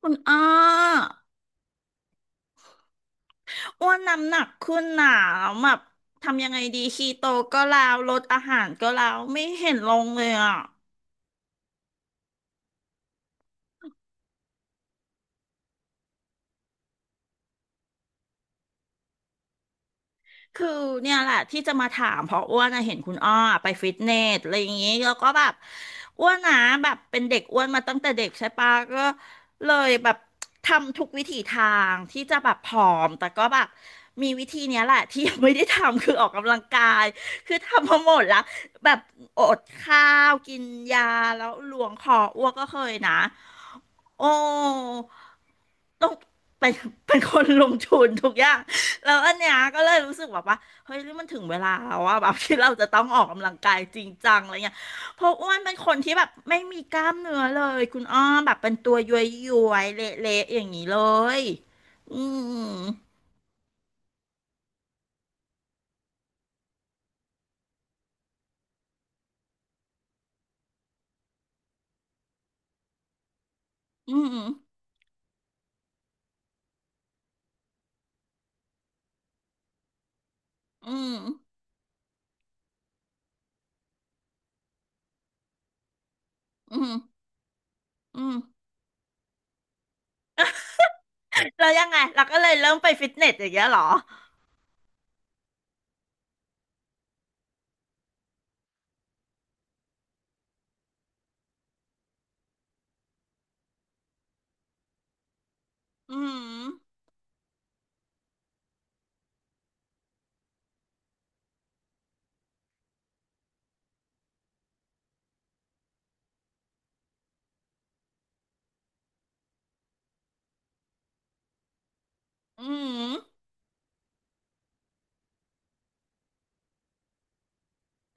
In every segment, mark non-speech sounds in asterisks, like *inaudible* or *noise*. คุณอ้ออ้วนน้ำหนักขึ้นหนาแบบทำยังไงดีคีโตก็แล้วลดอาหารก็แล้วไม่เห็นลงเลยอ่ะ คือเนี่ยแหละที่จะมาถามเพราะอ้วนน่ะเห็นคุณอ้อไปฟิตเนสอะไรอย่างงี้แล้วก็แบบอ้วนนะแบบเป็นเด็กอ้วนมาตั้งแต่เด็กใช่ปะก็เลยแบบทำทุกวิถีทางที่จะแบบผอมแต่ก็แบบมีวิธีเนี้ยแหละที่ยังไม่ได้ทำคือออกกำลังกายคือทำมาหมดแล้วแบบอดข้าวกินยาแล้วหลวงคออ้วกก็เคยนะ โอ้ต้องเป็นเป็นคนลงทุนทุกอย่าง แล้วอันเนี้ยก็เลยรู้สึกแบบว่า เฮ้ยนี่มันถึงเวลาแล้วว่าแบบที่เราจะต้องออกกำลังกายจริงจังอะไรเงี้ยเพราะอ้วนเป็นคนที่แบบไม่มีกล้ามเนื้อเลยคุณอ้อมแบบเป็นตัวย้วยย้วยเละๆอย่างนี้เลยอืมอืมอืมอืมอืมแล้วยังไงเราก็เลยเริ่มไปฟิตเนสอย่างเงี้ยเหรออืมอืม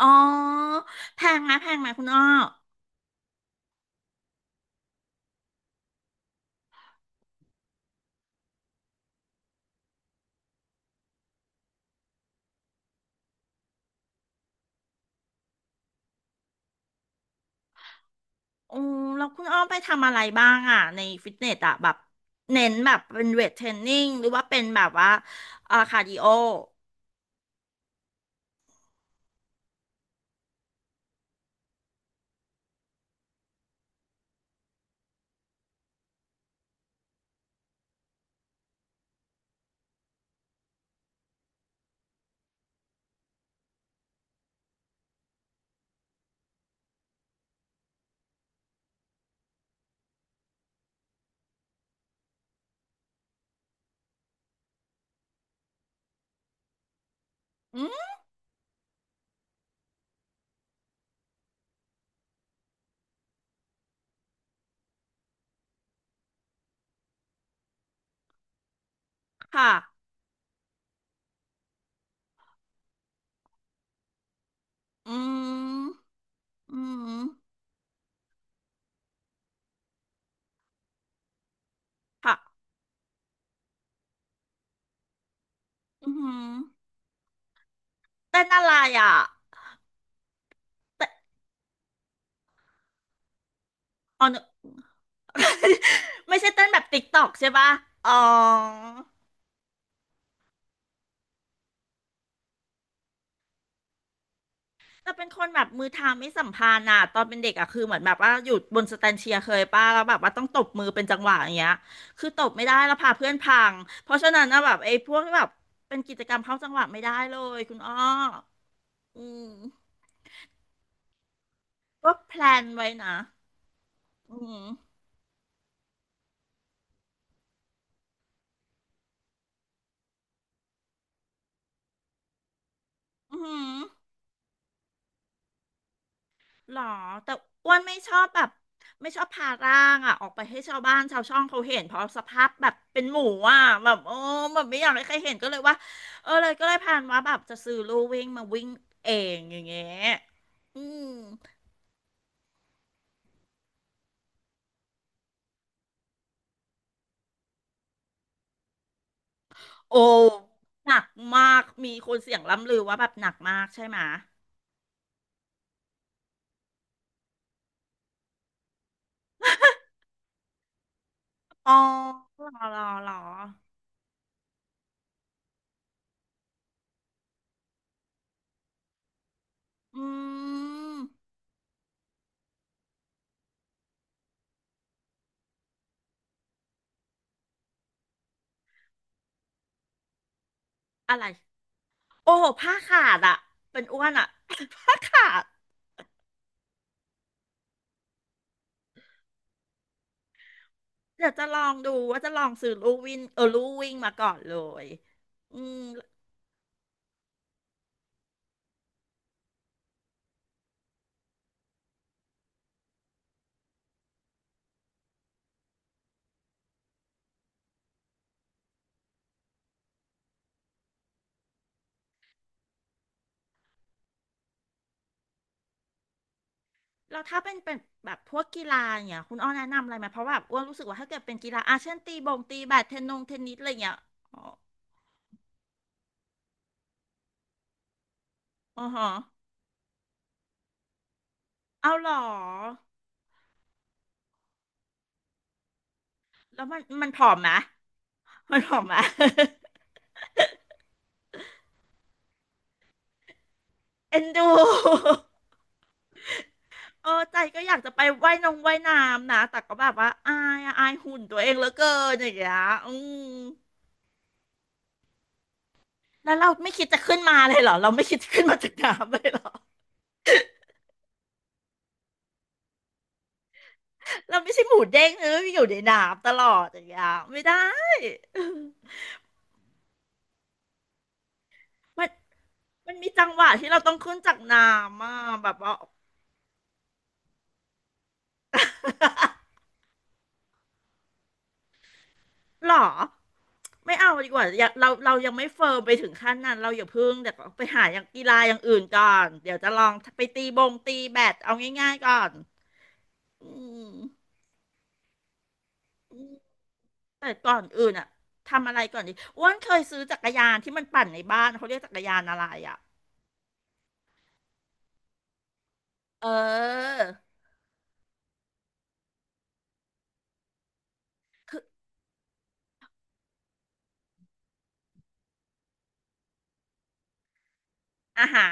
อ๋อแพงไหมแพงไหมคุณอ้อ โอ้แล้วคุณอ้อมไปทำอะไรบ้างอ่ะในฟิตเนสอ่ะแบบเน้นแบบเป็นเวทเทรนนิ่งหรือว่าเป็นแบบว่าคาร์ดิโออืมค่ะอืมอืมค่ะอืมเต้นอะไรอ่ะเต้นอ๋อ *laughs* ไม่ใช่เต้นแบบติ๊กตอกใช่ปะอ๋อ แต่เป็นคนแบบมือเทาไม่สัมพันธ์อ่ะตอนเป็นเด็กอ่ะคือเหมือนแบบว่าอยู่บนสแตนเชียร์เคยป้าแล้วแบบว่าต้องตบมือเป็นจังหวะอย่างเงี้ยคือตบไม่ได้แล้วพาเพื่อนพังเพราะฉะนั้นนะแบบไอ้พวกแบบเป็นกิจกรรมเข้าจังหวะไม่ได้เลยคุณอ้ออืมก็แพลนไว้นะอืมอืม หรอแต่อ้วนไม่ชอบแบบไม่ชอบพาร่างอ่ะออกไปให้ชาวบ้านชาวช่องเขาเห็นเพราะสภาพแบบเป็นหมูอ่ะแบบโอ้แบบไม่อยากให้ใครเห็นก็เลยว่าเออเลยก็เลยพานว่าแบบจะซื้อลู่วิ่งมาวิ่งเองอย่างเงี้ยอืมโอ้หนักมากมีคนเสียงล่ำลือว่าแบบหนักมากใช่ไหมอ๋อหรอหรอหรออืมอะไรโอ้โหผ้าขาดอะเป็นอ้วนอะ *laughs* ผ้าขาด เดี๋ยวจะลองดูว่าจะลองซื้อลู่วิ่งเออลู่วิ่งมาก่อนเลยอืมแล้วถ้าเป็นแบบพวกกีฬาอย่างเงี้ยคุณอ้อแนะนำอะไรไหมเพราะแบบอ้วนรู้สึกว่าถ้าเกิดเป็นกีฬาอาเช่นตีบงตีแบดเทนนงเทนนิสอะไรเงี้ยอ๋ออ๋อฮะเอาเหรอแล้วมันผอมไหมมันผอมไหม *laughs* เอ็นดูเออใจก็อยากจะไปว่ายนงว่ายน้ำนะแต่ก็แบบว่าอายอะอายหุ่นตัวเองเหลือเกินอย่างเงี้ยอืมแล้วเราไม่คิดจะขึ้นมาเลยเหรอเราไม่คิดจะขึ้นมาจากน้ำเลยเหรอ เราไม่ใช่หมูเด้งเอออยู่ในน้ำตลอดอย่างเงี้ยไม่ได้ *laughs* มันมีจังหวะที่เราต้องขึ้นจากน้ำอ่ะแบบว่า *laughs* หรอไม่เอาดีกว่าอย่าเราเรายังไม่เฟิร์มไปถึงขั้นนั้นเราอย่าเพิ่งเดี๋ยวไปหาอย่างกีฬาอย่างอื่นก่อนเดี๋ยวจะลองไปตีบงตีแบดเอาง่ายๆก่อนอืมอืมแต่ก่อนอื่นอ่ะทำอะไรก่อนดีอ้วนเคยซื้อจักรยานที่มันปั่นในบ้านเขาเรียกจักรยานอะไรอ่ะเออคืออ่ะฮะ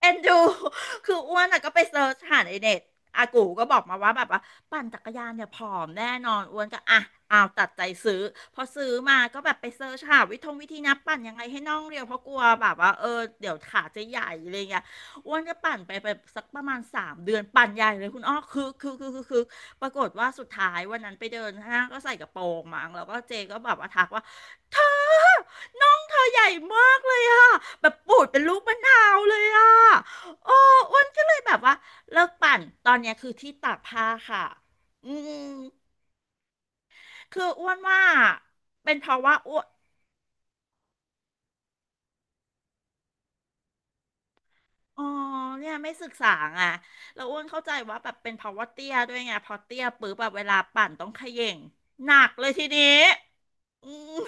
เอ็นดู *laughs* คืออ้วนอะก็ไปเซิร์ชหาในเน็ตอากูก็บอกมาว่าแบบว่าปั่นจักรยานเนี่ยผอมแน่นอนอ้วนก็อ่ะเอาวตัดใจซื้อพอซื้อมาก็แบบไปเซิร์ชหาวิธงวิธีนับปั่นยังไงให้น่องเรียวเพราะกลัวแบบว่าเออเดี๋ยวขาจะใหญ่อะไรเงี้ยอ้วนก็ปั่นไปสักประมาณสามเดือนปั่นใหญ่เลยคุณอ้อคือปรากฏว่าสุดท้ายวันนั้นไปเดินห้างก็ใส่กระโปรงมั้งแล้วก็เจก็แบบว่าทักว่า เธอน้องเธอใหญ่มากเลยอะแบบปูดเป็นลูกมะนาวเลยอะโอ้อ้วนก็เลยแบบว่าเลิกปั่นตอนเนี้ยคือที่ตากผ้าค่ะอืมคืออ้วนว่าเป็นเพราะว่าอ้วนอ๋อเนี่ยไม่ศึกษาไงแล้วอ้วนเข้าใจว่าแบบเป็นเพราะว่าเตี้ยด้วยไงพอเตี้ยปุ๊บแบบเวลาปั่นต้องเขย่งหนักเลยทีนี้อืม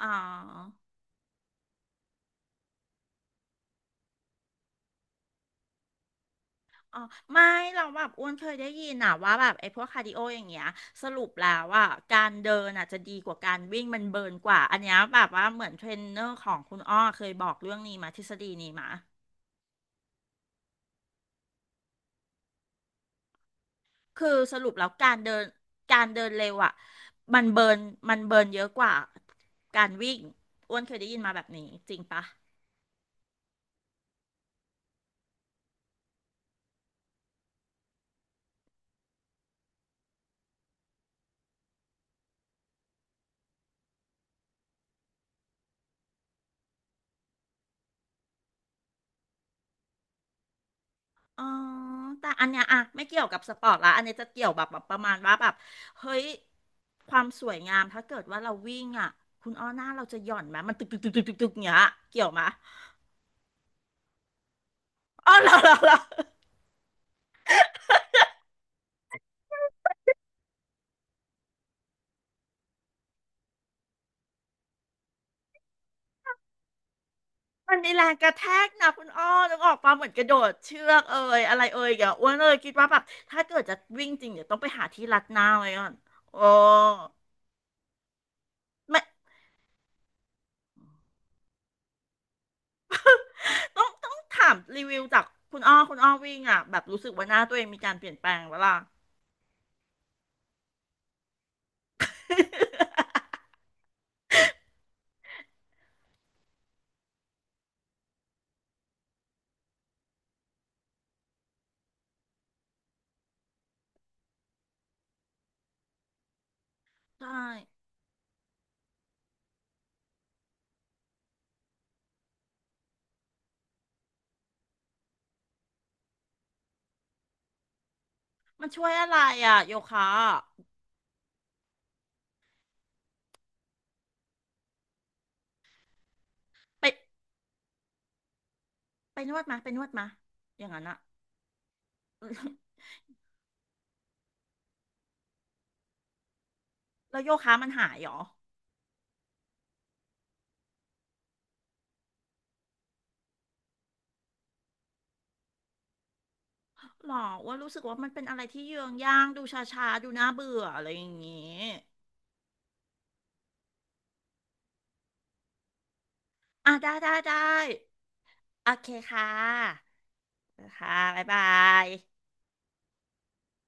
อ๋อ อ๋อไม่เราแบบอ้วนเคยได้ยินนะว่าแบบไอ้พวกคาร์ดิโออย่างเงี้ยสรุปแล้วว่าการเดินอ่ะจะดีกว่าการวิ่งมันเบิร์นกว่าอันเนี้ยแบบว่าเหมือนเทรนเนอร์ของคุณอ้อเคยบอกเรื่องนี้มาทฤษฎีนี้มาคือสรุปแล้วการเดินการเดินเร็วอ่ะมันเบิร์นมันเบิร์นเยอะกว่าการวิ่งอ้วนเคยได้ยินมาแบบนี้จริงปะ อ๋อแต่อันเนี้ยอะไม่เกี่ยวกับสปอร์ตละอันเนี้ยจะเกี่ยวแบบแบบประมาณว่าแบบเฮ้ยความสวยงามถ้าเกิดว่าเราวิ่งอะคุณอ้อหน้าเราจะหย่อนไหมมันตึกตึกตึกตึกตึกตึกเนี้ยเกี่ยวไหมอ๋อเหรอเหรอเหรอมันมีแรงกระแทกนะคุณอ้อต้องออกมาเหมือนกระโดดเชือกเอ่ยอะไรเอ่ยอย่าอ้วนเอ่ยคิดว่าแบบถ้าเกิดจะวิ่งจริงเดี๋ยวต้องไปหาที่รัดหน้าไว้ก่อนโอ้ไม่ต้องต้องถามรีวิวจากคุณอ้อคุณอ้อวิ่งอะแบบรู้สึกว่าหน้าตัวเองมีการเปลี่ยนแปลงเวลาล่ะ ใช่ มันช่วยอะไรอ่ะโยคะอะไปไปนวดมาอย่างนั้นอะ *laughs* แล้วโยคะมันหายเหรอหรอว่ารู้สึกว่ามันเป็นอะไรที่เยืองย่างดูชาชาดูน่าเบื่ออะไรอย่างงี้อ่ะได้ได้ได้โอเคค่ะค่ะบ๊ายบาย